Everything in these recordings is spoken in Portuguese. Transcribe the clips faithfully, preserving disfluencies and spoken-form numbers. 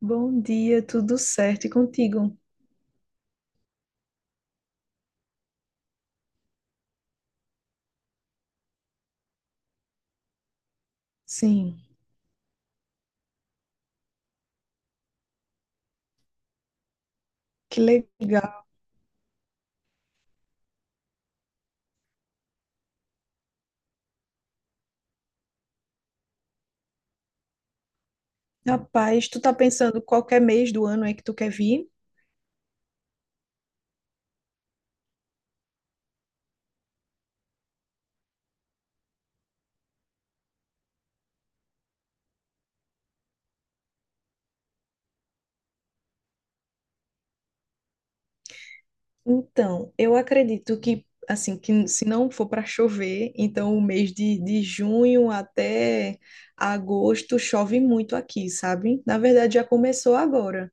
Bom dia, tudo certo e contigo? Sim, que legal. Rapaz, tu tá pensando qualquer mês do ano é que tu quer vir? Então, eu acredito que, assim, que se não for para chover, então o mês de, de junho até agosto chove muito aqui, sabe? Na verdade, já começou agora.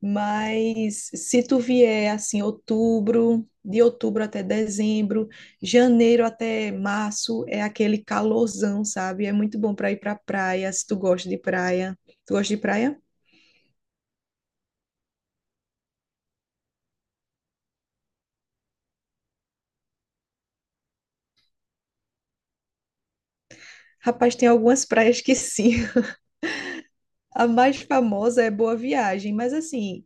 Mas se tu vier, assim, outubro, de outubro até dezembro, janeiro até março, é aquele calorzão, sabe? É muito bom para ir para praia, se tu gosta de praia. Tu gosta de praia? Rapaz, tem algumas praias que sim. A mais famosa é Boa Viagem, mas assim,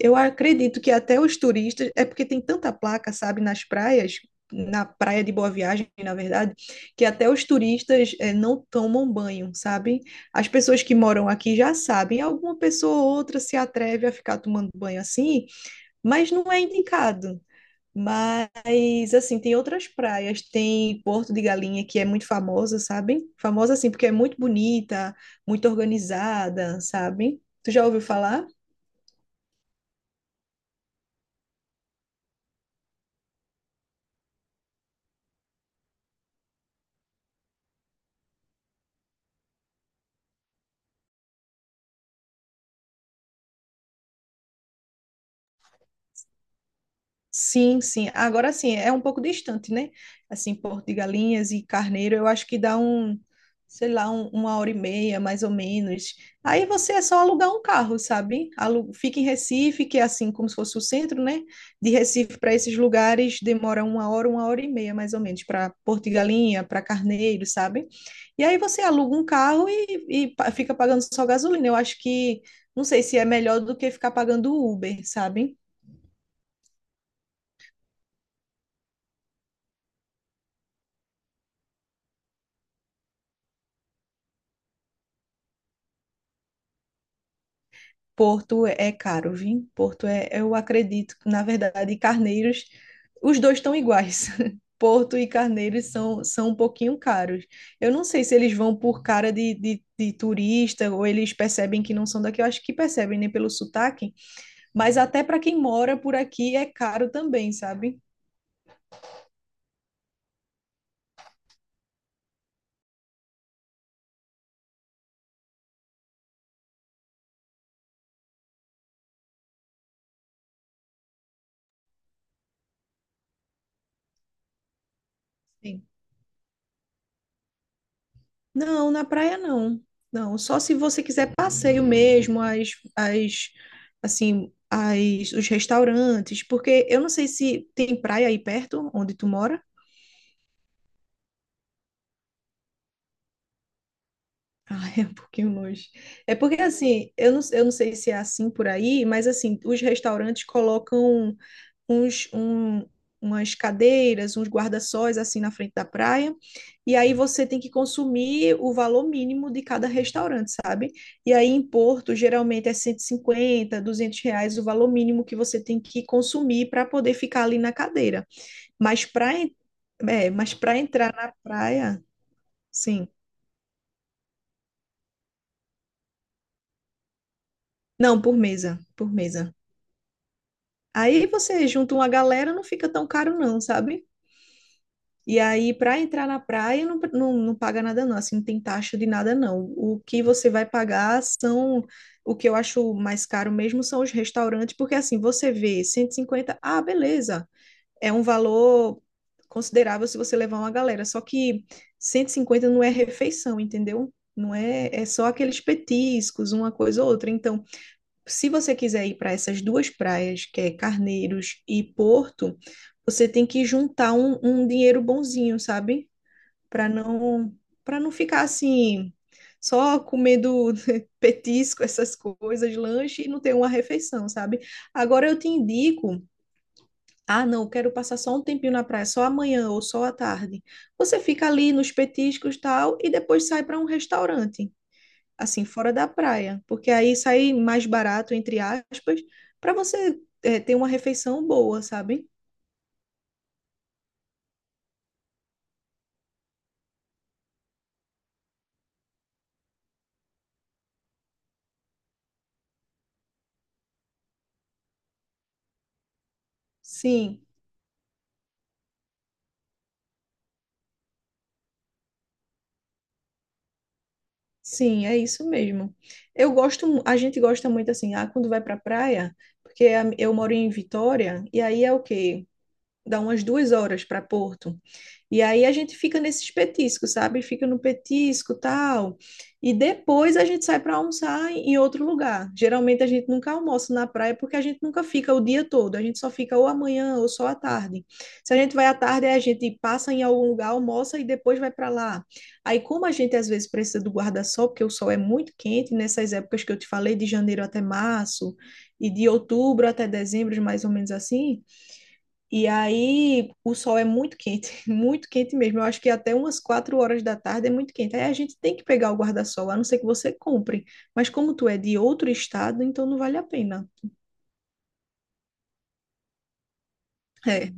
eu acredito que até os turistas, é porque tem tanta placa, sabe, nas praias, na praia de Boa Viagem, na verdade, que até os turistas eh, não tomam banho, sabe? As pessoas que moram aqui já sabem, alguma pessoa ou outra se atreve a ficar tomando banho assim, mas não é indicado. Mas, assim, tem outras praias, tem Porto de Galinha, que é muito famosa, sabe? Famosa, assim, porque é muito bonita, muito organizada, sabe? Tu já ouviu falar? Sim, sim. Agora sim, é um pouco distante, né? Assim, Porto de Galinhas e Carneiro, eu acho que dá um, sei lá, um- uma hora e meia, mais ou menos. Aí você é só alugar um carro, sabe? Alu- Fica em Recife, que é assim como se fosse o centro, né? De Recife para esses lugares demora uma hora, uma hora e meia, mais ou menos, para Porto de Galinha, para Carneiro, sabe? E aí você aluga um carro e, e pa- fica pagando só gasolina. Eu acho que, não sei se é melhor do que ficar pagando Uber, sabe? Porto é é caro, viu? Porto é, eu acredito, na verdade, Carneiros, os dois estão iguais. Porto e Carneiros são, são um pouquinho caros. Eu não sei se eles vão por cara de, de, de turista ou eles percebem que não são daqui. Eu acho que percebem, né, pelo sotaque. Mas até para quem mora por aqui é caro também, sabe? Sim. Não, na praia não. Não, só se você quiser passeio mesmo, as, as, assim, as, os restaurantes, porque eu não sei se tem praia aí perto, onde tu mora. Ah, é um pouquinho longe. É porque, assim, eu não, eu não sei se é assim por aí, mas, assim, os restaurantes colocam uns, um, umas cadeiras, uns guarda-sóis assim na frente da praia. E aí você tem que consumir o valor mínimo de cada restaurante, sabe? E aí em Porto, geralmente é cento e cinquenta duzentos reais o valor mínimo que você tem que consumir para poder ficar ali na cadeira. Mas para en- É, mas para entrar na praia, sim. Não, por mesa, por mesa. Aí você junta uma galera, não fica tão caro não, sabe? E aí, para entrar na praia, não, não, não paga nada, não. Assim, não tem taxa de nada, não. O que você vai pagar são. O que eu acho mais caro mesmo são os restaurantes, porque assim, você vê cento e cinquenta, ah, beleza. É um valor considerável se você levar uma galera. Só que cento e cinquenta não é refeição, entendeu? Não é, é só aqueles petiscos, uma coisa ou outra. Então, se você quiser ir para essas duas praias, que é Carneiros e Porto, você tem que juntar um, um dinheiro bonzinho, sabe? Para não, para não ficar assim, só comendo petisco, essas coisas, lanche e não ter uma refeição, sabe? Agora eu te indico. Ah, não, quero passar só um tempinho na praia, só amanhã ou só à tarde. Você fica ali nos petiscos e tal, e depois sai para um restaurante assim, fora da praia, porque aí sai mais barato, entre aspas, para você é, ter uma refeição boa, sabe? Sim, sim, é isso mesmo. Eu gosto, mu- a gente gosta muito assim, ah, quando vai para praia, porque a- eu moro em Vitória, e aí é o quê? Dá umas duas horas para Porto. E aí a gente fica nesses petiscos, sabe? Fica no petisco, tal. E depois a gente sai para almoçar em em outro lugar. Geralmente a gente nunca almoça na praia porque a gente nunca fica o dia todo. A gente só fica ou amanhã ou só à tarde. Se a gente vai à tarde, aí a gente passa em algum lugar, almoça e depois vai para lá. Aí, como a gente às vezes precisa do guarda-sol, porque o sol é muito quente, nessas épocas que eu te falei, de janeiro até março e de outubro até dezembro, mais ou menos assim, e aí o sol é muito quente, muito quente mesmo. Eu acho que até umas quatro horas da tarde é muito quente. Aí a gente tem que pegar o guarda-sol, a não ser que você compre. Mas como tu é de outro estado, então não vale a pena. É,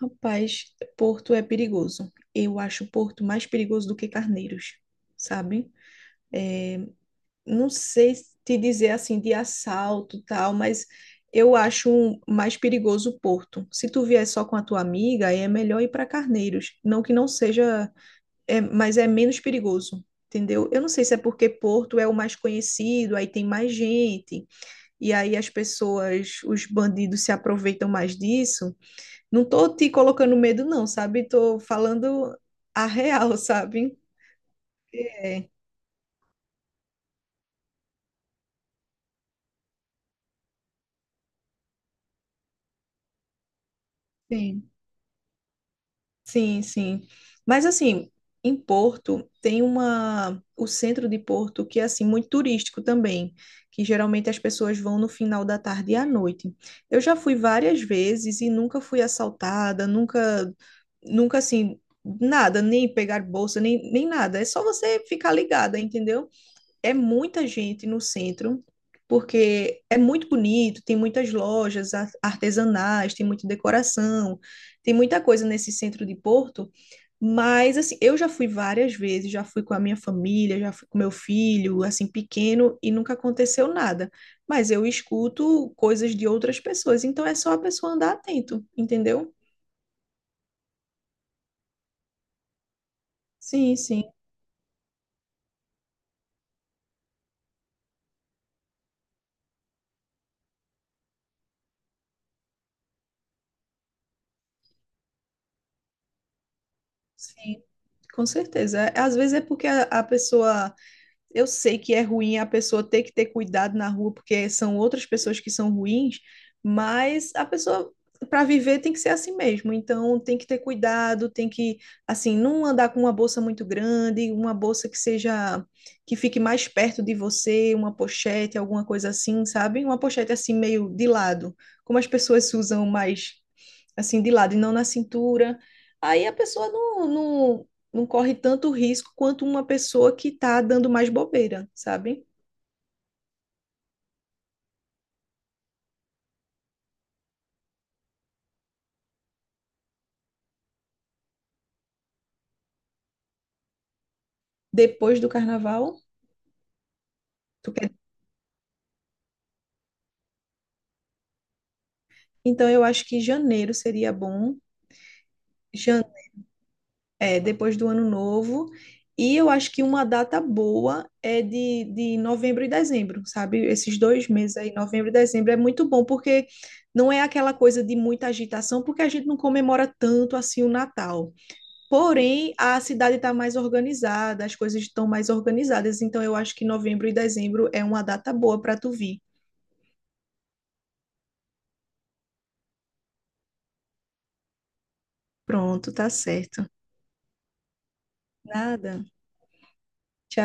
rapaz, Porto é perigoso. Eu acho Porto mais perigoso do que Carneiros, sabe? Não sei te dizer assim de assalto e tal, mas eu acho mais perigoso Porto. Se tu vier só com a tua amiga, aí é melhor ir para Carneiros. Não que não seja é, mas é menos perigoso, entendeu? Eu não sei se é porque Porto é o mais conhecido, aí tem mais gente, e aí as pessoas, os bandidos se aproveitam mais disso. Não tô te colocando medo, não, sabe? Tô falando a real, sabe? É, sim. Sim, sim. Mas assim, em Porto tem uma o centro de Porto que é assim muito turístico também, que geralmente as pessoas vão no final da tarde e à noite. Eu já fui várias vezes e nunca fui assaltada, nunca nunca assim nada, nem pegar bolsa, nem, nem nada. É só você ficar ligada, entendeu? É muita gente no centro, porque é muito bonito, tem muitas lojas ar- artesanais, tem muita decoração, tem muita coisa nesse centro de Porto, mas assim, eu já fui várias vezes, já fui com a minha família, já fui com meu filho, assim, pequeno, e nunca aconteceu nada. Mas eu escuto coisas de outras pessoas, então é só a pessoa andar atento, entendeu? Sim, sim, sim. Com certeza. Às vezes é porque a, a pessoa. Eu sei que é ruim a pessoa ter que ter cuidado na rua, porque são outras pessoas que são ruins, mas a pessoa, para viver, tem que ser assim mesmo. Então, tem que ter cuidado, tem que, assim, não andar com uma bolsa muito grande, uma bolsa que seja, que fique mais perto de você, uma pochete, alguma coisa assim, sabe? Uma pochete assim, meio de lado, como as pessoas usam mais assim, de lado e não na cintura. Aí a pessoa não, não, não corre tanto risco quanto uma pessoa que tá dando mais bobeira, sabe? Depois do carnaval, tu quer... Então eu acho que janeiro seria bom, jan... é, depois do ano novo. E eu acho que uma data boa é de, de novembro e dezembro, sabe? Esses dois meses aí, novembro e dezembro, é muito bom, porque não é aquela coisa de muita agitação, porque a gente não comemora tanto assim o Natal. Porém, a cidade está mais organizada, as coisas estão mais organizadas, então eu acho que novembro e dezembro é uma data boa para tu vir. Pronto, tá certo. Nada.